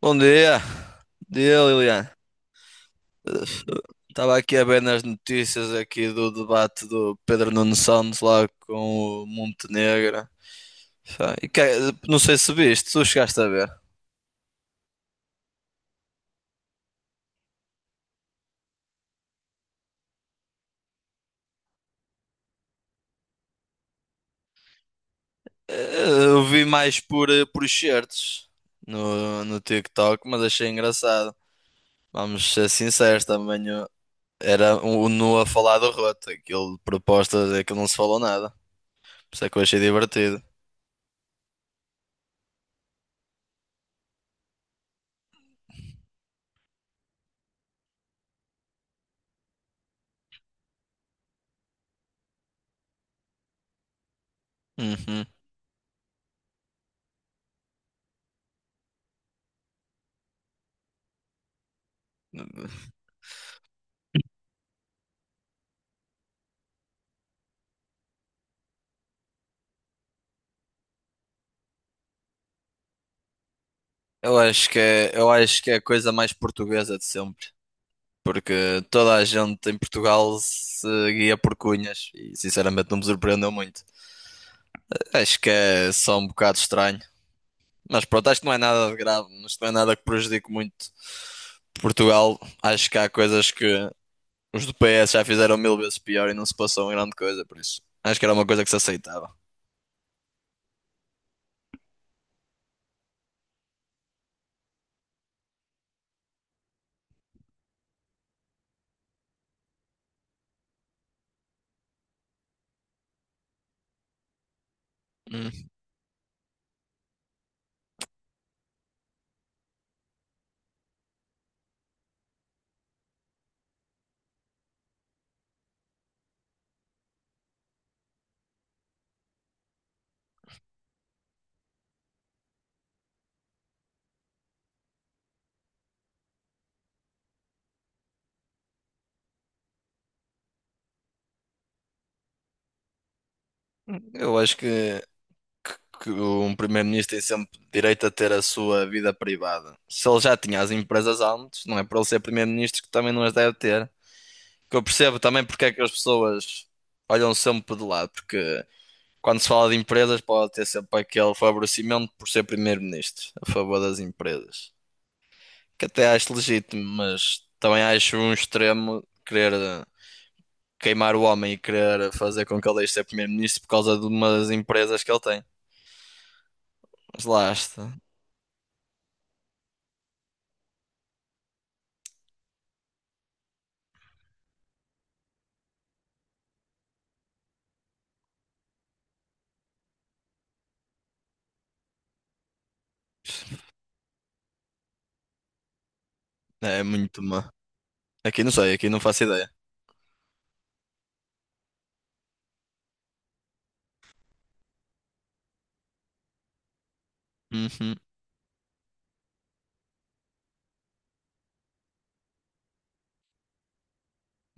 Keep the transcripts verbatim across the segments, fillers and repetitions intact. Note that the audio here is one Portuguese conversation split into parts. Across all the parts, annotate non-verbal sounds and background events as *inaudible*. Bom dia, bom dia Lilian. Estava aqui a ver nas notícias aqui do debate do Pedro Nuno Santos lá com o Montenegro. Pá, E que- não sei se viste, tu chegaste a ver. Eh, Eu vi mais por, eh, por excertos no, no TikTok, mas achei engraçado. Vamos ser sinceros, também o- era o o Nu a falar do roto. Aquilo de propostas é que não se falou nada. Por isso é que eu achei divertido. Uhum. Eu acho que é, eu acho que é a coisa mais portuguesa de sempre, porque toda a gente em Portugal se guia por cunhas e sinceramente não me surpreendeu muito. Acho que é só um bocado estranho, mas pronto, acho que não é nada de grave, isto não é nada que prejudique muito Portugal. Acho que há coisas que os do P S já fizeram mil vezes pior e não se passou em grande coisa, por isso acho que era uma coisa que se aceitava. Hum. Eu acho que que um primeiro-ministro tem sempre direito a ter a sua vida privada. Se ele já tinha as empresas antes, não é para ele ser primeiro-ministro que também não as deve ter. Que eu percebo também porque é que as pessoas olham sempre de lado, porque quando se fala de empresas pode ter sempre aquele favorecimento por ser primeiro-ministro a favor das empresas. Que até acho legítimo, mas também acho um extremo querer eh, queimar o homem e querer fazer com que ele deixe de ser primeiro-ministro por causa de umas empresas que ele tem. Mas lá está. É muito má. Aqui não sei, aqui não faço ideia. Uhum,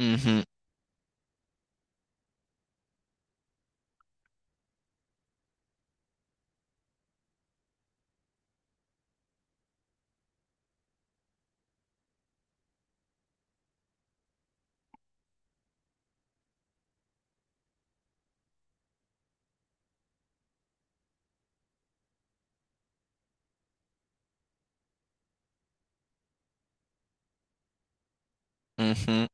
uhum, uhum,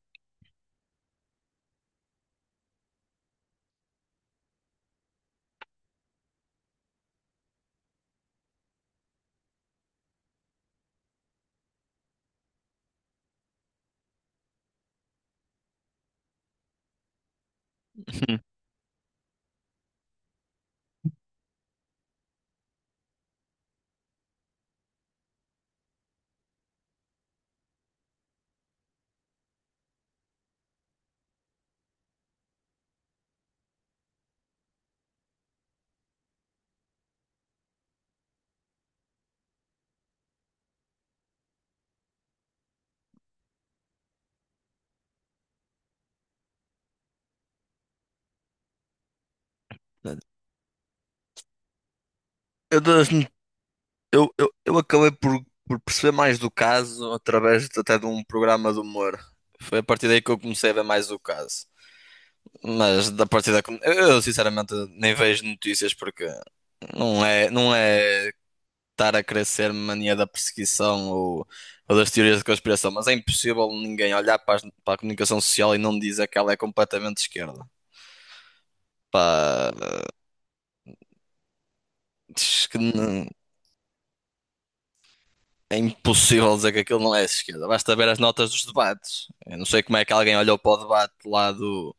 uhum. Eu, das- eu, eu, eu acabei por, por perceber mais do caso através de- até de um programa de humor. Foi a partir daí que eu comecei a ver mais o caso. Mas da partir da. Eu, eu, sinceramente nem vejo notícias porque não é, não é estar a crescer mania da perseguição ou, ou das teorias de conspiração, mas é impossível ninguém olhar para, as- para a comunicação social e não dizer que ela é completamente de esquerda. Pá, Diz que não- é impossível dizer que aquilo não é de esquerda. Basta ver as notas dos debates. Eu não sei como é que alguém olhou para o debate lá do,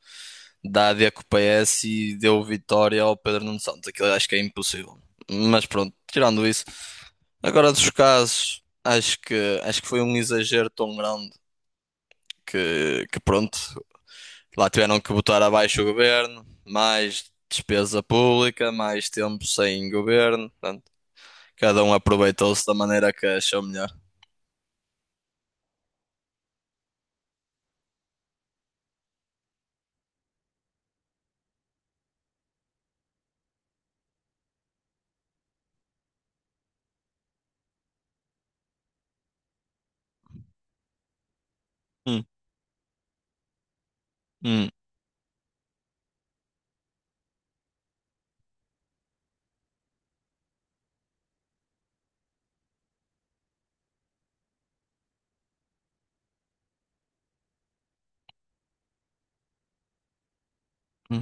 da A D com o P S e deu vitória ao Pedro Nuno Santos. Aquilo eu acho que é impossível. Mas pronto, tirando isso. Agora dos casos, acho que, acho que foi um exagero tão grande que, que pronto, lá tiveram que botar abaixo o governo, mais despesa pública, mais tempo sem governo. Portanto, cada um aproveitou-se da maneira que achou melhor. Hum, hum,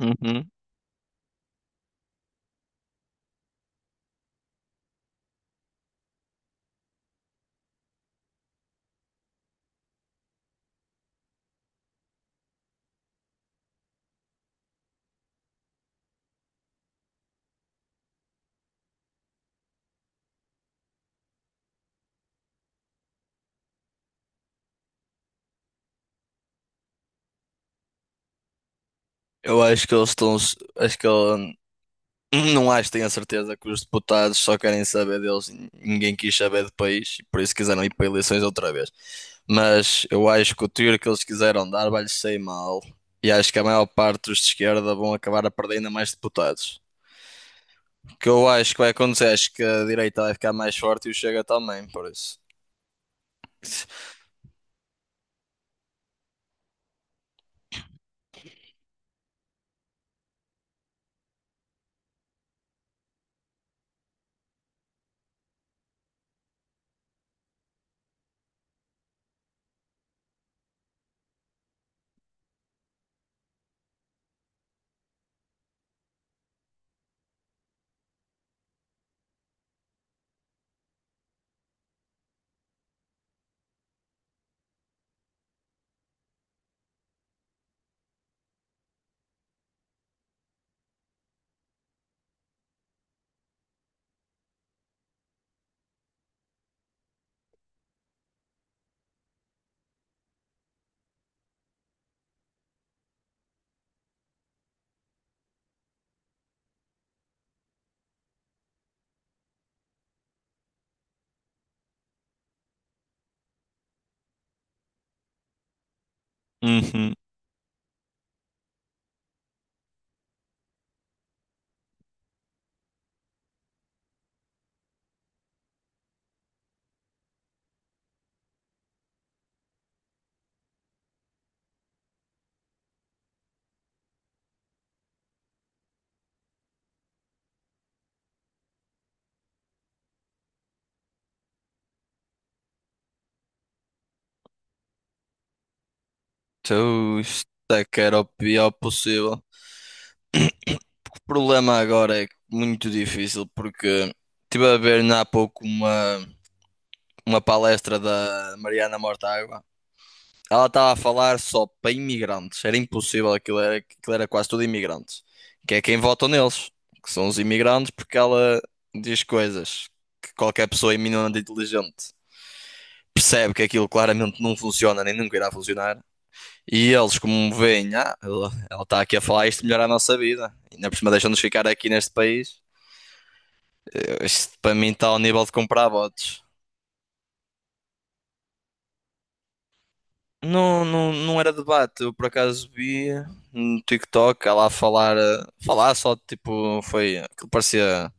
uhum. Eu acho que eles estão. Acho que ele, *clears throat* não acho, tenho a certeza que os deputados só querem saber deles. Ninguém quis saber do país, e por isso quiseram ir para eleições outra vez. Mas eu acho que o tiro que eles quiseram dar vai-lhes sair mal. E acho que a maior parte dos de esquerda vão acabar a perder ainda mais deputados. O que eu acho que vai acontecer, acho que a direita vai ficar mais forte e o Chega também, por isso. Uhum. Então, isto é que era o pior possível. Problema agora é muito difícil porque estive a ver há pouco uma, uma palestra da Mariana Mortágua. Ela estava a falar só para imigrantes. Era impossível, aquilo era, aquilo era quase tudo imigrantes. Que é quem vota neles, que são os imigrantes, porque ela diz coisas que qualquer pessoa minimamente inteligente percebe que aquilo claramente não funciona nem nunca irá funcionar. E eles, como veem, ah, ela está aqui a falar isto melhora a nossa vida. Ainda por cima deixam-nos ficar aqui neste país. Isto para mim está ao nível de comprar bots. Não, não, não era debate. Eu por acaso vi no TikTok ela a falar, eh, falar só tipo, foi aquilo parecia.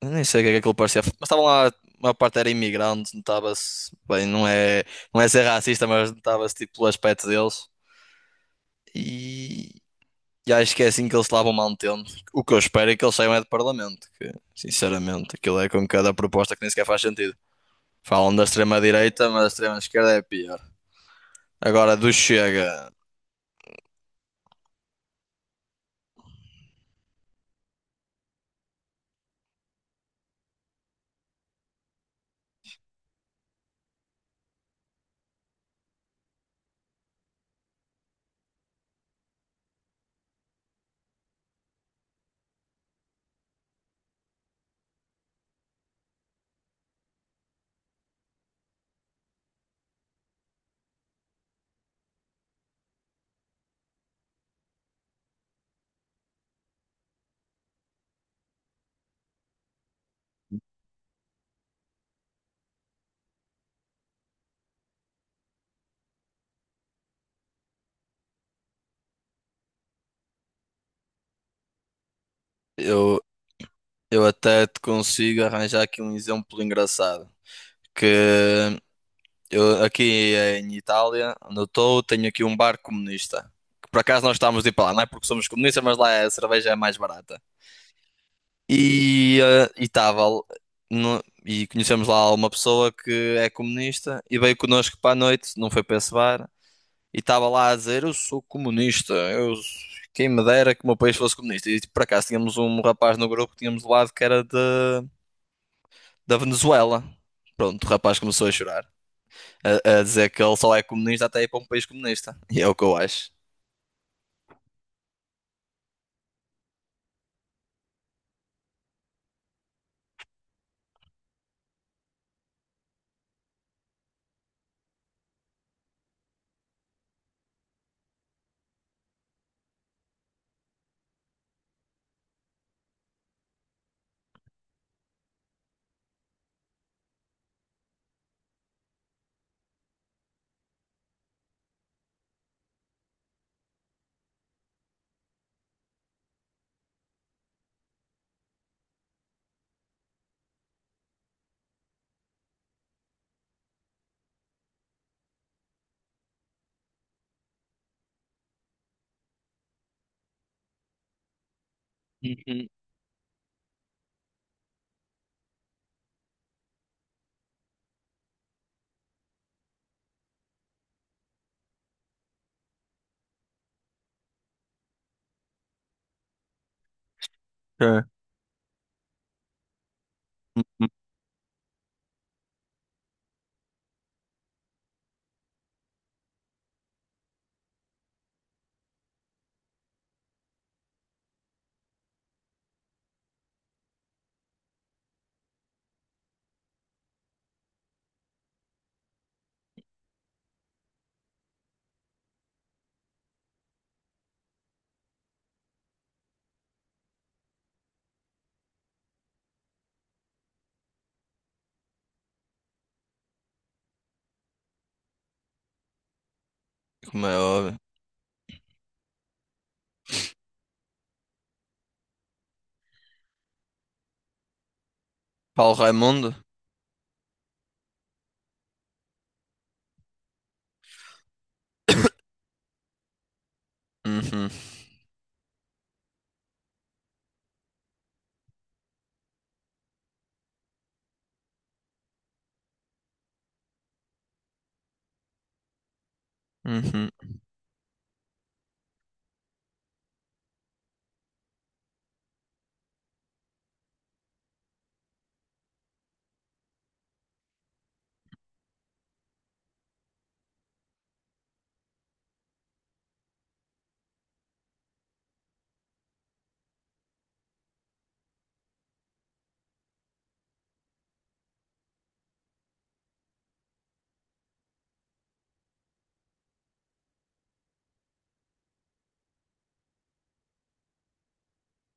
Eu nem sei o que é que aquilo parecia, mas estavam lá, a maior parte era imigrante, notava-se, bem, não é, não é ser racista, mas notava-se tipo pelo aspecto deles. E, e acho que é assim que eles se lá vão mantendo. O que eu espero é que eles saiam é de parlamento, que sinceramente aquilo é com cada proposta que nem sequer faz sentido. Falam da extrema-direita, mas a extrema-esquerda é pior. Agora do Chega, eu, eu até te consigo arranjar aqui um exemplo engraçado. Que eu aqui em Itália, onde eu estou, tenho aqui um bar comunista. Que por acaso nós estávamos de ir para lá, não é porque somos comunistas, mas lá a cerveja é mais barata. E eh, e estava l- no- e conhecemos lá uma pessoa que é comunista e veio connosco para a noite, não foi para esse bar. E estava lá a dizer: eu sou comunista, eu, quem me dera que o meu país fosse comunista. E tipo, por acaso tínhamos um rapaz no grupo que tínhamos do lado que era de, da Venezuela. Pronto, o rapaz começou a chorar, a, a dizer que ele só é comunista até ir para um país comunista. E é o que eu acho. Uhum. É. Como é óbvio. Paulo Raimundo? Uhum, uhum,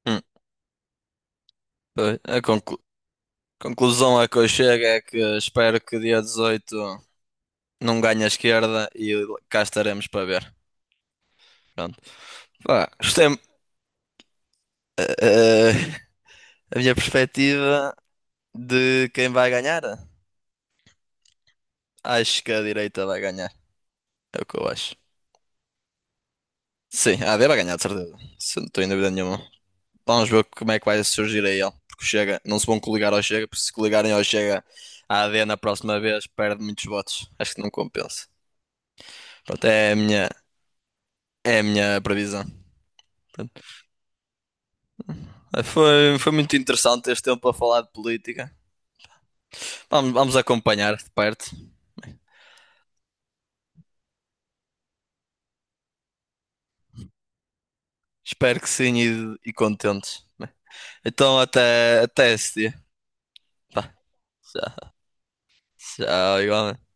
uhum. Pois, A conclu- conclusão a que eu chego é que espero que dia dezoito não ganhe a esquerda e cá estaremos para ver. Pronto. Pá, gostei. Eh, a minha perspectiva de quem vai ganhar? Acho que a direita vai ganhar. É o que eu acho. Sim, a AD vai ganhar, de certeza. Isso não estou em dúvida nenhuma. Vamos ver como é que vai surgir aí ele. Porque o Chega, não se vão coligar ao Chega, porque se coligarem ao Chega, a AD na próxima vez perde muitos votos. Acho que não compensa. Pronto, é a minha, é a minha previsão. Pronto. Eh, Foi, foi muito interessante este tempo a falar de política. Vamos, vamos acompanhar de perto. Espero que sim e, e contentes. Então até, até esse dia. Tá. Tchau, tchau, igualmente.